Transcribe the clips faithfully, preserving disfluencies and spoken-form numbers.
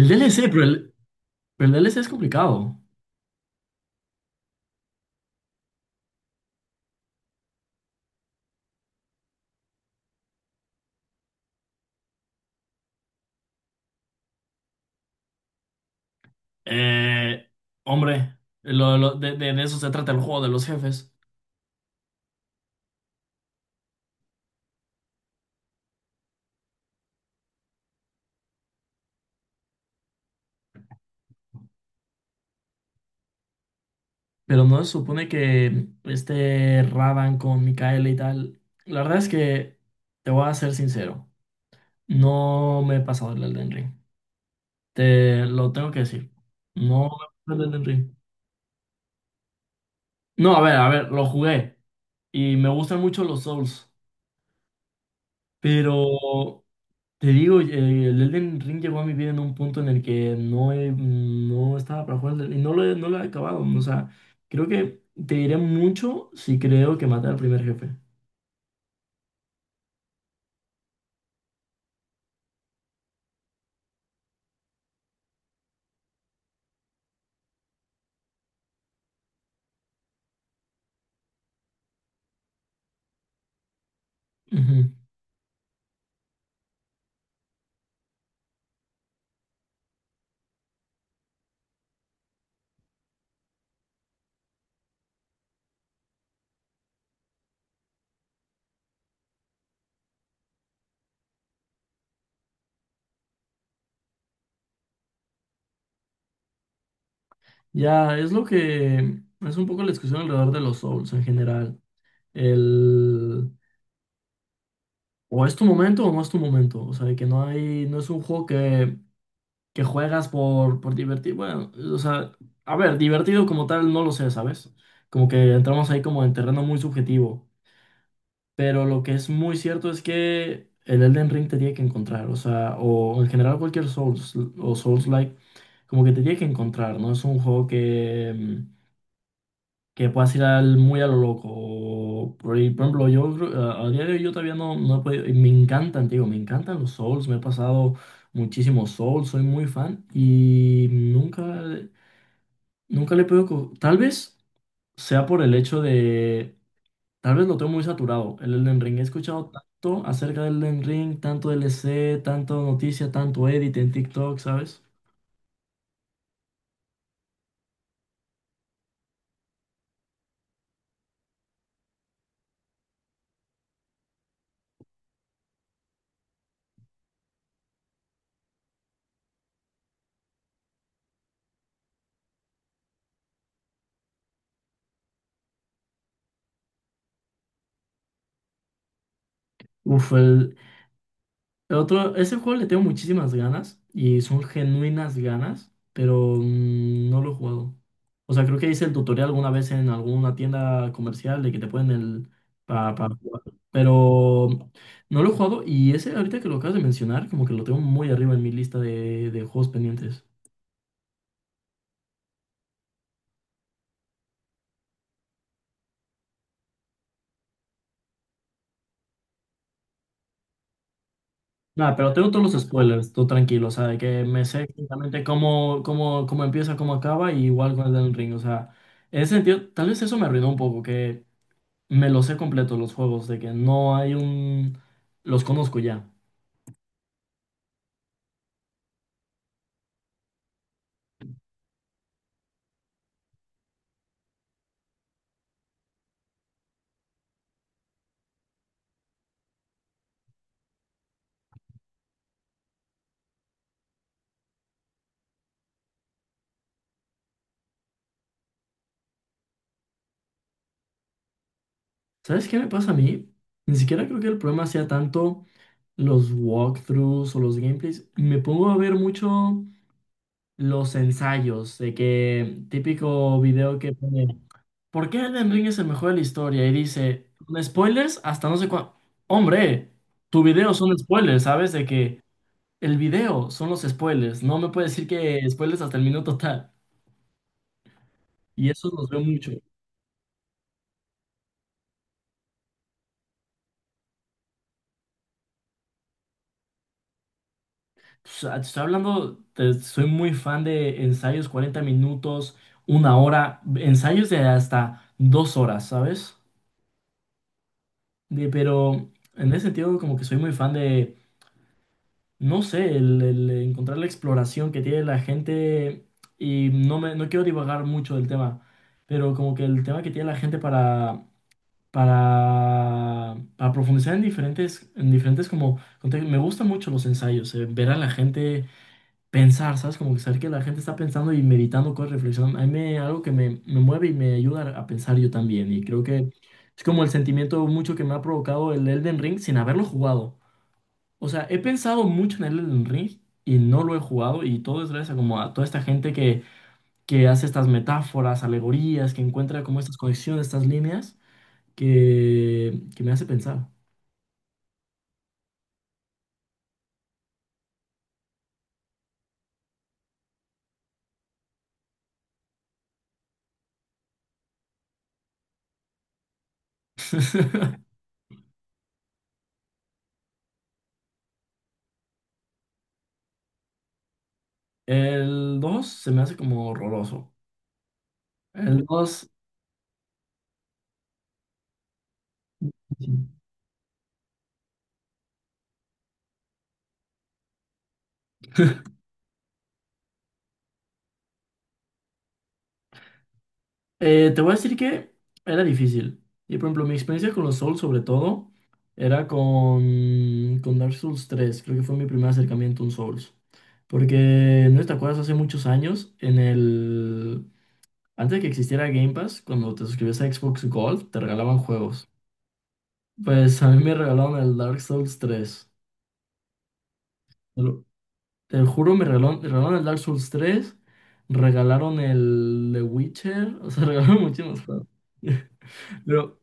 El D L C, pero el, pero el D L C es complicado. Eh, Hombre, lo- lo- de, de- de eso se trata el juego de los jefes. Pero no se supone que este Radan con Micaela y tal. La verdad es que te voy a ser sincero. No me he pasado el Elden Ring. Te lo tengo que decir. No me he pasado el Elden Ring. No, a ver, a ver, lo jugué. Y me gustan mucho los Souls. Pero... Te digo, eh, el Elden Ring llegó a mi vida en un punto en el que no, he- no estaba para jugar el, y no lo he, no lo he acabado. O sea, creo que te diré mucho si creo que maté al primer jefe. Ujú. Ya, es lo que es un poco la discusión alrededor de los Souls en general. El O es tu momento o no es tu momento. O sea, de que no hay, no es un juego que, que juegas por, por divertir. Bueno, o sea, a ver, divertido como tal no lo sé, ¿sabes? Como que entramos ahí como en terreno muy subjetivo. Pero lo que es muy cierto es que el Elden Ring te tiene que encontrar, o sea, o en general cualquier Souls o Souls-like, como que te tiene que encontrar, ¿no? Es un juego que, mm, que puedas ir al, muy a lo loco. O por ahí, por ejemplo, yo creo- a, a día de hoy yo todavía no, no he podido, y me encantan, te digo, me encantan los Souls, me he pasado muchísimos Souls, soy muy fan y nunca, nunca le he podido... co- Tal vez sea por el hecho de... Tal vez lo tengo muy saturado, el Elden Ring. He escuchado tanto acerca del Elden Ring, tanto D L C, tanto noticia, tanto edit en TikTok, ¿sabes? Uf, el, el otro, ese juego le tengo muchísimas ganas, y son genuinas ganas, pero mm, no lo he jugado. O sea, creo que hice el tutorial alguna vez en alguna tienda comercial de que te ponen el... para jugar, pero no lo he jugado, y ese, ahorita que lo acabas de mencionar, como que lo tengo muy arriba en mi lista de, de juegos pendientes. Nada, pero tengo todos los spoilers, tú tranquilo, o sea, de que me sé exactamente cómo, cómo, cómo empieza, cómo acaba, y igual con el del ring, o sea, en ese sentido, tal vez eso me arruinó un poco, que me los sé completos los juegos, de que no hay un... los conozco ya. ¿Sabes qué me pasa a mí? Ni siquiera creo que el problema sea tanto los walkthroughs o los gameplays, me pongo a ver mucho los ensayos, de que típico video que pone: ¿por qué Elden Ring es el mejor de la historia? Y dice, con spoilers hasta no sé cuándo. Hombre, tu video son spoilers, ¿sabes? De que el video son los spoilers. No me puedes decir que spoilers hasta el minuto tal. Y eso los veo mucho. Pues, ah, te estoy hablando, te- soy muy fan de ensayos 40 minutos, una hora, ensayos de hasta dos horas, ¿sabes? De- pero en ese sentido, como que soy muy fan de no sé, el, el encontrar la exploración que tiene la gente, y no me, no quiero divagar mucho del tema, pero como que el tema que tiene la gente para, para, para, profundizar en diferentes, en diferentes como contextos. Me gustan mucho los ensayos, eh, ver a la gente pensar, ¿sabes? Como que saber que la gente está pensando y meditando cosas, reflexionando. A mí me- algo que me, me mueve y me ayuda a pensar yo también, y creo que es como el sentimiento mucho que me ha provocado el Elden Ring sin haberlo jugado. O sea, he pensado mucho en el Elden Ring y no lo he jugado, y todo es gracias a, como a toda esta gente que, que hace estas metáforas, alegorías, que encuentra como estas conexiones, estas líneas que, que me hace pensar. El dos se me hace como horroroso. El dos. Eh, te voy a decir que era difícil. Y por ejemplo, mi experiencia con los Souls, sobre todo, era con, con Dark Souls tres. Creo que fue mi primer acercamiento a un Souls. Porque, ¿no te acuerdas? Hace muchos años, en el... Antes de que existiera Game Pass, cuando te suscribías a Xbox Gold, te regalaban juegos. Pues a mí me regalaron el Dark Souls tres. Te lo- te juro, me regalaron, me regalaron el Dark Souls tres, regalaron el The Witcher, o sea, regalaron muchísimos juegos. Pero...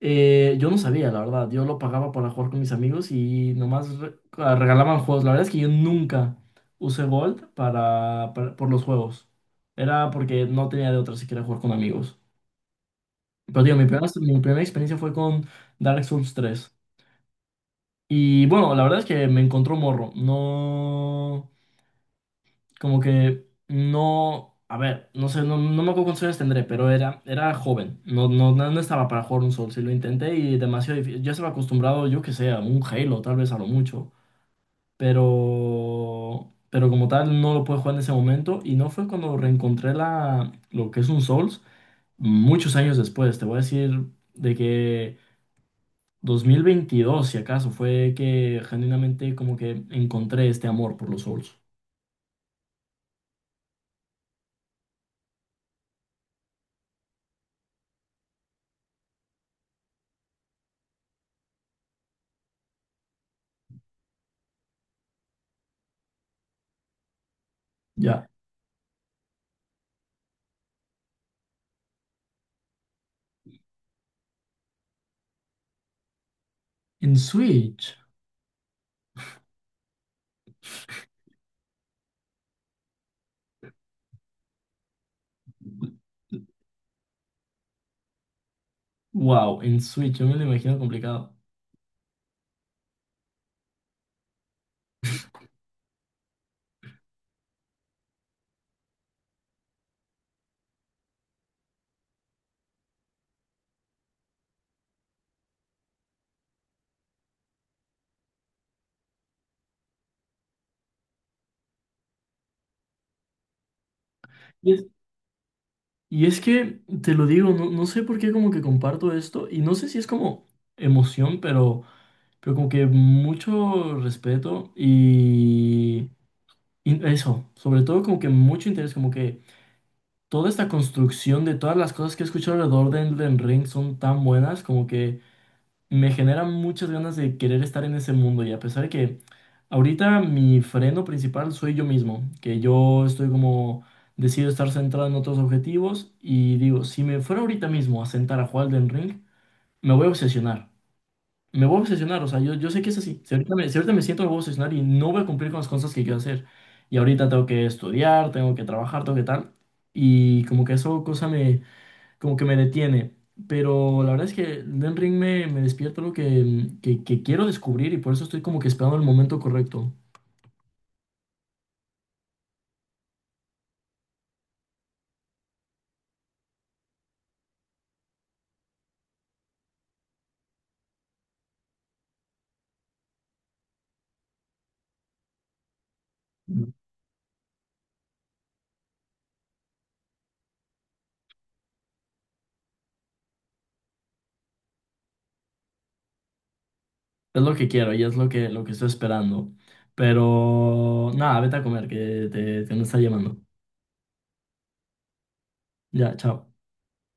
Eh, yo no sabía, la verdad. Yo lo pagaba para jugar con mis amigos, y nomás re- ah, regalaban juegos. La verdad es que yo nunca usé Gold para, para- por los juegos. Era porque no tenía de otra si quería jugar con amigos. Pero digo, mi primera, mi primera experiencia fue con Dark Souls tres. Y bueno, la verdad es que me encontró morro. No. Como que no, a ver, no sé, no, no me acuerdo cuántos años tendré, pero era, era joven, no, no, no no estaba para jugar un Souls, y lo intenté, y demasiado difícil, ya estaba acostumbrado, yo que sé, a un Halo, tal vez a lo mucho, pero, pero como tal no lo pude jugar en ese momento, y no fue cuando reencontré la, lo que es un Souls, muchos años después, te voy a decir, de que dos mil veintidós si acaso, fue que genuinamente como que encontré este amor por los Souls. Ya. En Switch. Wow, en Switch, yo me lo imagino complicado. Y es, y es que, te lo digo, no, no sé por qué como que comparto esto, y no sé si es como emoción, pero, pero como que mucho respeto, y, y eso, sobre todo como que mucho interés, como que toda esta construcción de todas las cosas que he escuchado alrededor de Elden Ring son tan buenas, como que me genera muchas ganas de querer estar en ese mundo, y a pesar de que ahorita mi freno principal soy yo mismo, que yo estoy como decido estar centrado en otros objetivos, y digo, si me fuera ahorita mismo a sentar a jugar Elden Ring, me voy a obsesionar. Me voy a obsesionar, o sea, yo, yo sé que es así. Si ahorita me, si ahorita me siento, me voy a obsesionar, y no voy a cumplir con las cosas que quiero hacer. Y ahorita tengo que estudiar, tengo que trabajar, tengo que tal. Y como que eso cosa como que me detiene. Pero la verdad es que Den Ring me, me despierta algo que, que, que quiero descubrir, y por eso estoy como que esperando el momento correcto. Es lo que quiero, y es lo que, lo que estoy esperando. Pero nada, vete a comer, que te, te me está llamando. Ya, chao.